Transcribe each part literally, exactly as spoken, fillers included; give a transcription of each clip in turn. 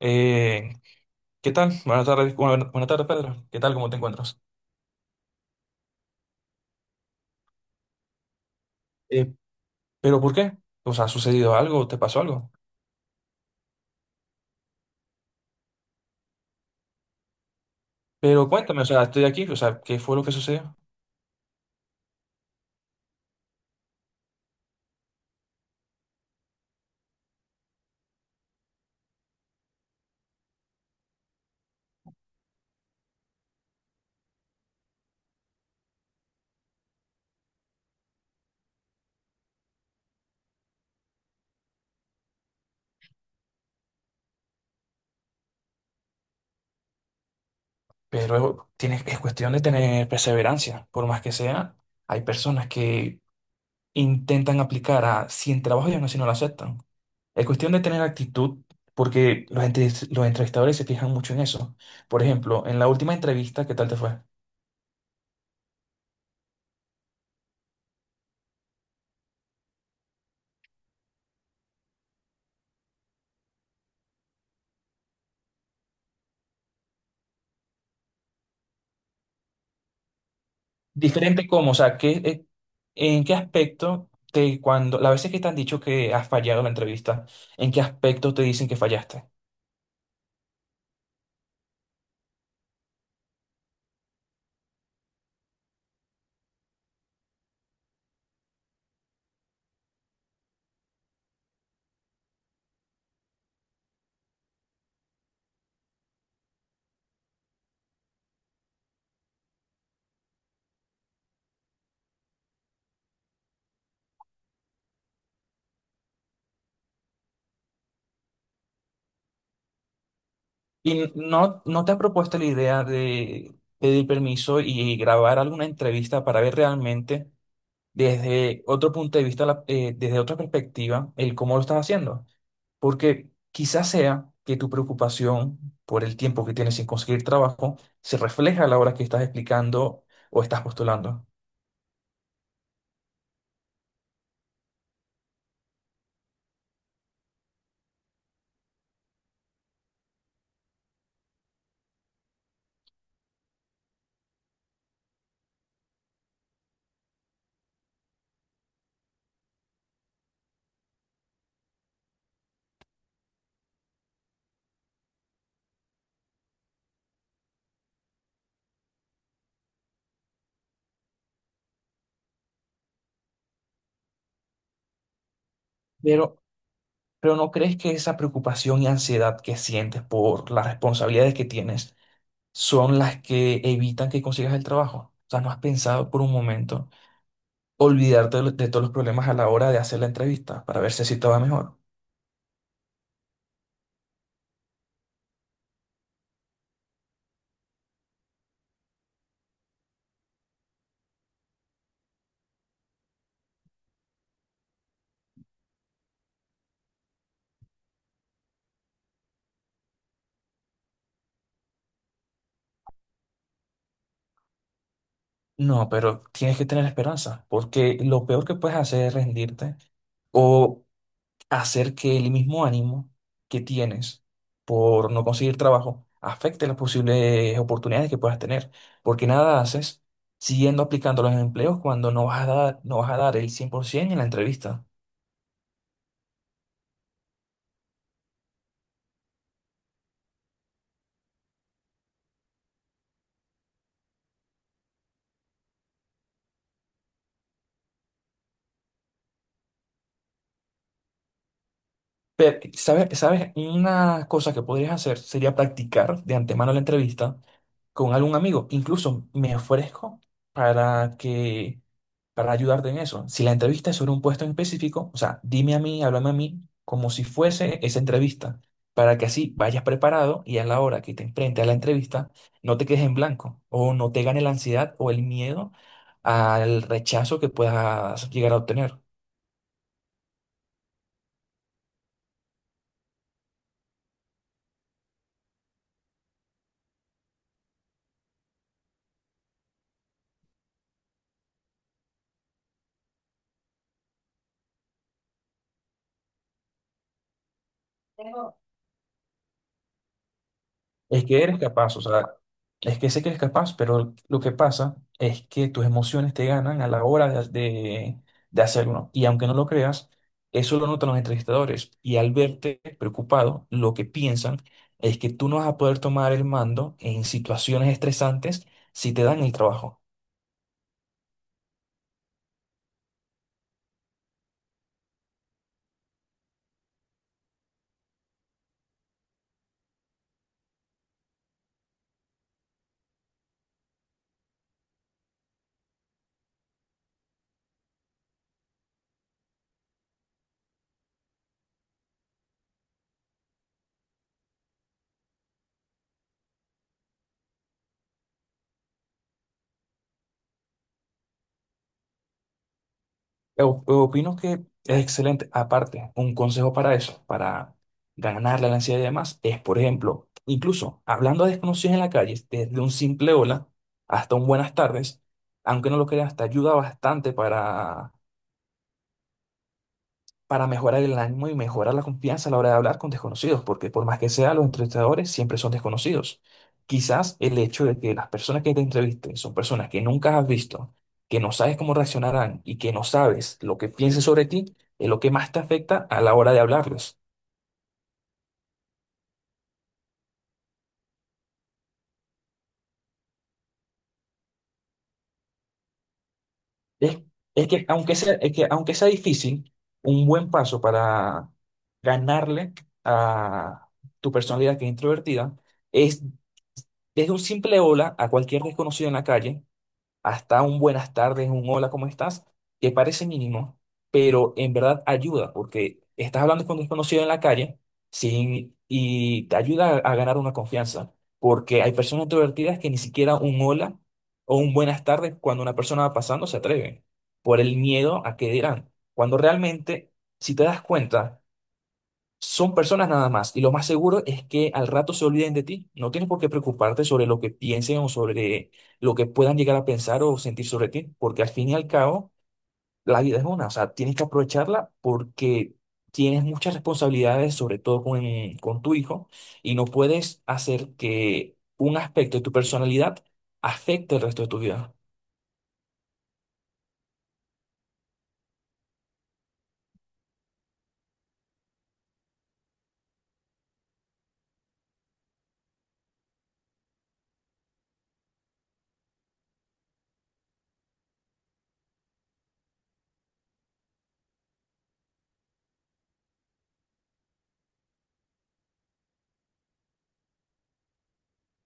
Eh, ¿Qué tal? Buenas tardes, bueno, buena- buenas tardes, Pedro. ¿Qué tal? ¿Cómo te encuentras? Eh, ¿Pero por qué? O sea, ¿ha sucedido algo? ¿Te pasó algo? Pero cuéntame, o sea, estoy aquí, o sea, ¿qué fue lo que sucedió? Pero tienes, es cuestión de tener perseverancia. Por más que sea, hay personas que intentan aplicar a cien trabajos y aún así no lo aceptan. Es cuestión de tener actitud, porque los, entes- los entrevistadores se fijan mucho en eso. Por ejemplo, en la última entrevista, ¿qué tal te fue? Diferente cómo, o sea, ¿qué, eh, en qué aspecto te, cuando, las veces que te han dicho que has fallado en la entrevista, en qué aspecto te dicen que fallaste? Y no, no te has propuesto la idea de pedir permiso y grabar alguna entrevista para ver realmente desde otro punto de vista, la- eh, desde otra perspectiva, el cómo lo estás haciendo. Porque quizás sea que tu preocupación por el tiempo que tienes sin conseguir trabajo se refleja a la hora que estás explicando o estás postulando. pero Pero ¿no crees que esa preocupación y ansiedad que sientes por las responsabilidades que tienes son las que evitan que consigas el trabajo? O sea, ¿no has pensado por un momento olvidarte de, lo- de todos los problemas a la hora de hacer la entrevista para ver si así te va mejor? No, pero tienes que tener esperanza, porque lo peor que puedes hacer es rendirte o hacer que el mismo ánimo que tienes por no conseguir trabajo afecte las posibles oportunidades que puedas tener, porque nada haces siguiendo aplicando los empleos cuando no vas a dar, no vas a dar el cien por ciento en la entrevista. Pero, ¿sabes? ¿Sabes? Una cosa que podrías hacer sería practicar de antemano la entrevista con algún amigo. Incluso me ofrezco para que, para ayudarte en eso. Si la entrevista es sobre un puesto en específico, o sea, dime a mí, háblame a mí, como si fuese esa entrevista, para que así vayas preparado y a la hora que te enfrentes a la entrevista, no te quedes en blanco o no te gane la ansiedad o el miedo al rechazo que puedas llegar a obtener. Es que eres capaz, o sea, es que sé que eres capaz, pero lo que pasa es que tus emociones te ganan a la hora de, de, de hacerlo. Y aunque no lo creas, eso lo notan los entrevistadores. Y al verte preocupado, lo que piensan es que tú no vas a poder tomar el mando en situaciones estresantes si te dan el trabajo. O- Opino que es excelente. Aparte, un consejo para eso, para ganar la ansiedad y demás, es, por ejemplo, incluso hablando a desconocidos en la calle, desde un simple hola hasta un buenas tardes, aunque no lo creas, te ayuda bastante para para mejorar el ánimo y mejorar la confianza a la hora de hablar con desconocidos, porque por más que sea, los entrevistadores siempre son desconocidos. Quizás el hecho de que las personas que te entrevisten son personas que nunca has visto, que no sabes cómo reaccionarán y que no sabes lo que piensen sobre ti, es lo que más te afecta a la hora de hablarles. Es, es que aunque sea, es que aunque sea difícil, un buen paso para ganarle a tu personalidad que es introvertida es desde un simple hola a cualquier desconocido en la calle hasta un buenas tardes, un hola, ¿cómo estás? Que parece mínimo, pero en verdad ayuda, porque estás hablando con un desconocido en la calle sin, y te ayuda a, a ganar una confianza, porque hay personas introvertidas que ni siquiera un hola o un buenas tardes cuando una persona va pasando se atreven, por el miedo a qué dirán, cuando realmente, si te das cuenta, son personas nada más, y lo más seguro es que al rato se olviden de ti. No tienes por qué preocuparte sobre lo que piensen o sobre lo que puedan llegar a pensar o sentir sobre ti, porque al fin y al cabo, la vida es una, o sea, tienes que aprovecharla porque tienes muchas responsabilidades, sobre todo con, con tu hijo, y no puedes hacer que un aspecto de tu personalidad afecte el resto de tu vida.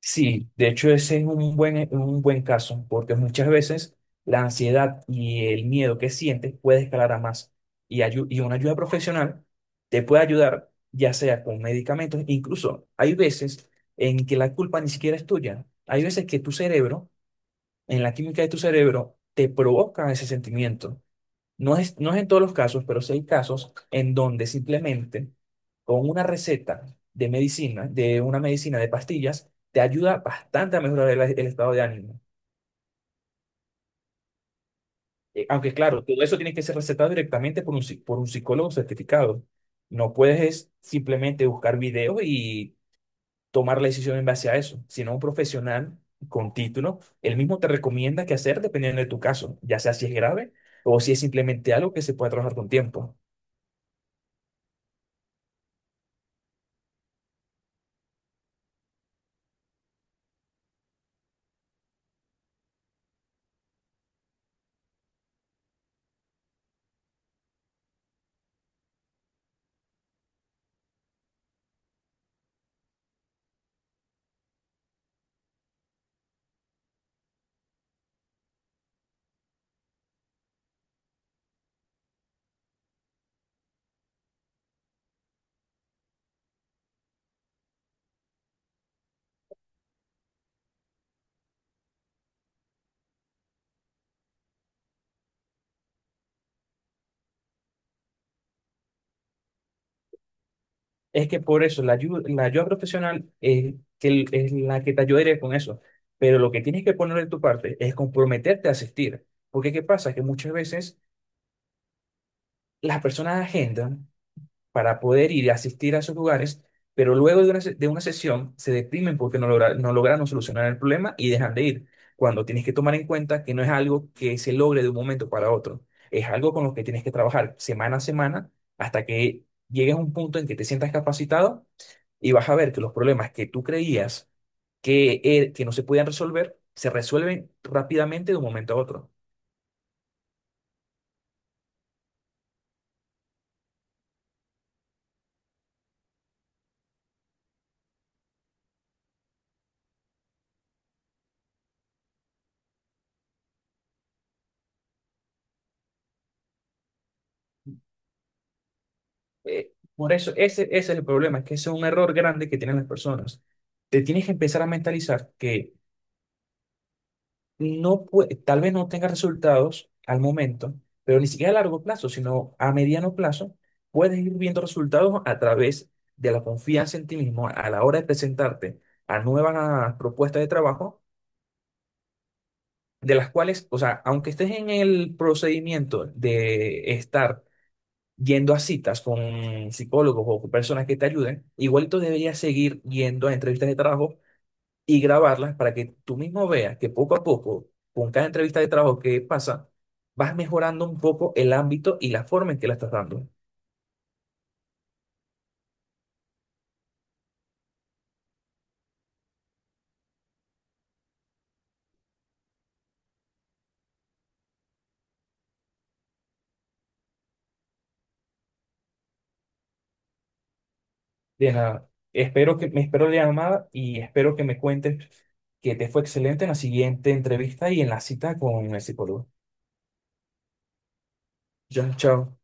Sí, de hecho ese es un buen, e, un buen caso, porque muchas veces la ansiedad y el miedo que sientes puede escalar a más. Y, ayu- y una ayuda profesional te puede ayudar, ya sea con medicamentos, incluso hay veces en que la culpa ni siquiera es tuya. Hay veces que tu cerebro, en la química de tu cerebro, te provoca ese sentimiento. No es, no es en todos los casos, pero sí hay casos en donde simplemente con una receta de medicina, de una medicina de pastillas, te ayuda bastante a mejorar el, el estado de ánimo. Eh, Aunque claro, todo eso tiene que ser recetado directamente por un, psi- por un psicólogo certificado. No puedes es simplemente buscar videos y tomar la decisión en base a eso, sino un profesional con título, él mismo te recomienda qué hacer dependiendo de tu caso, ya sea si es grave o si es simplemente algo que se puede trabajar con tiempo. Es que por eso la ayuda, la ayuda profesional es, que, el- es la que te ayudaría con eso. Pero lo que tienes que poner de tu parte es comprometerte a asistir. Porque ¿qué pasa? Que muchas veces las personas agendan para poder ir a asistir a esos lugares, pero luego de una, se- de una sesión se deprimen porque no, logra- no lograron solucionar el problema y dejan de ir. Cuando tienes que tomar en cuenta que no es algo que se logre de un momento para otro. Es algo con lo que tienes que trabajar semana a semana hasta que llegues a un punto en que te sientas capacitado y vas a ver que los problemas que tú creías que, eh, que no se podían resolver, se resuelven rápidamente de un momento a otro. Eh, por eso, ese, ese es el problema, que ese es un error grande que tienen las personas. Te tienes que empezar a mentalizar que no pue- tal vez no tengas resultados al momento, pero ni siquiera a largo plazo, sino a mediano plazo, puedes ir viendo resultados a través de la confianza en ti mismo a la hora de presentarte a nuevas propuestas de trabajo de las cuales, o sea, aunque estés en el procedimiento de estar yendo a citas con psicólogos o con personas que te ayuden, igualito deberías seguir yendo a entrevistas de trabajo y grabarlas para que tú mismo veas que poco a poco, con cada entrevista de trabajo que pasa, vas mejorando un poco el ámbito y la forma en que la estás dando. De nada, espero que me espero la llamada y espero que me cuentes que te fue excelente en la siguiente entrevista y en la cita con el psicólogo. Ya, chao.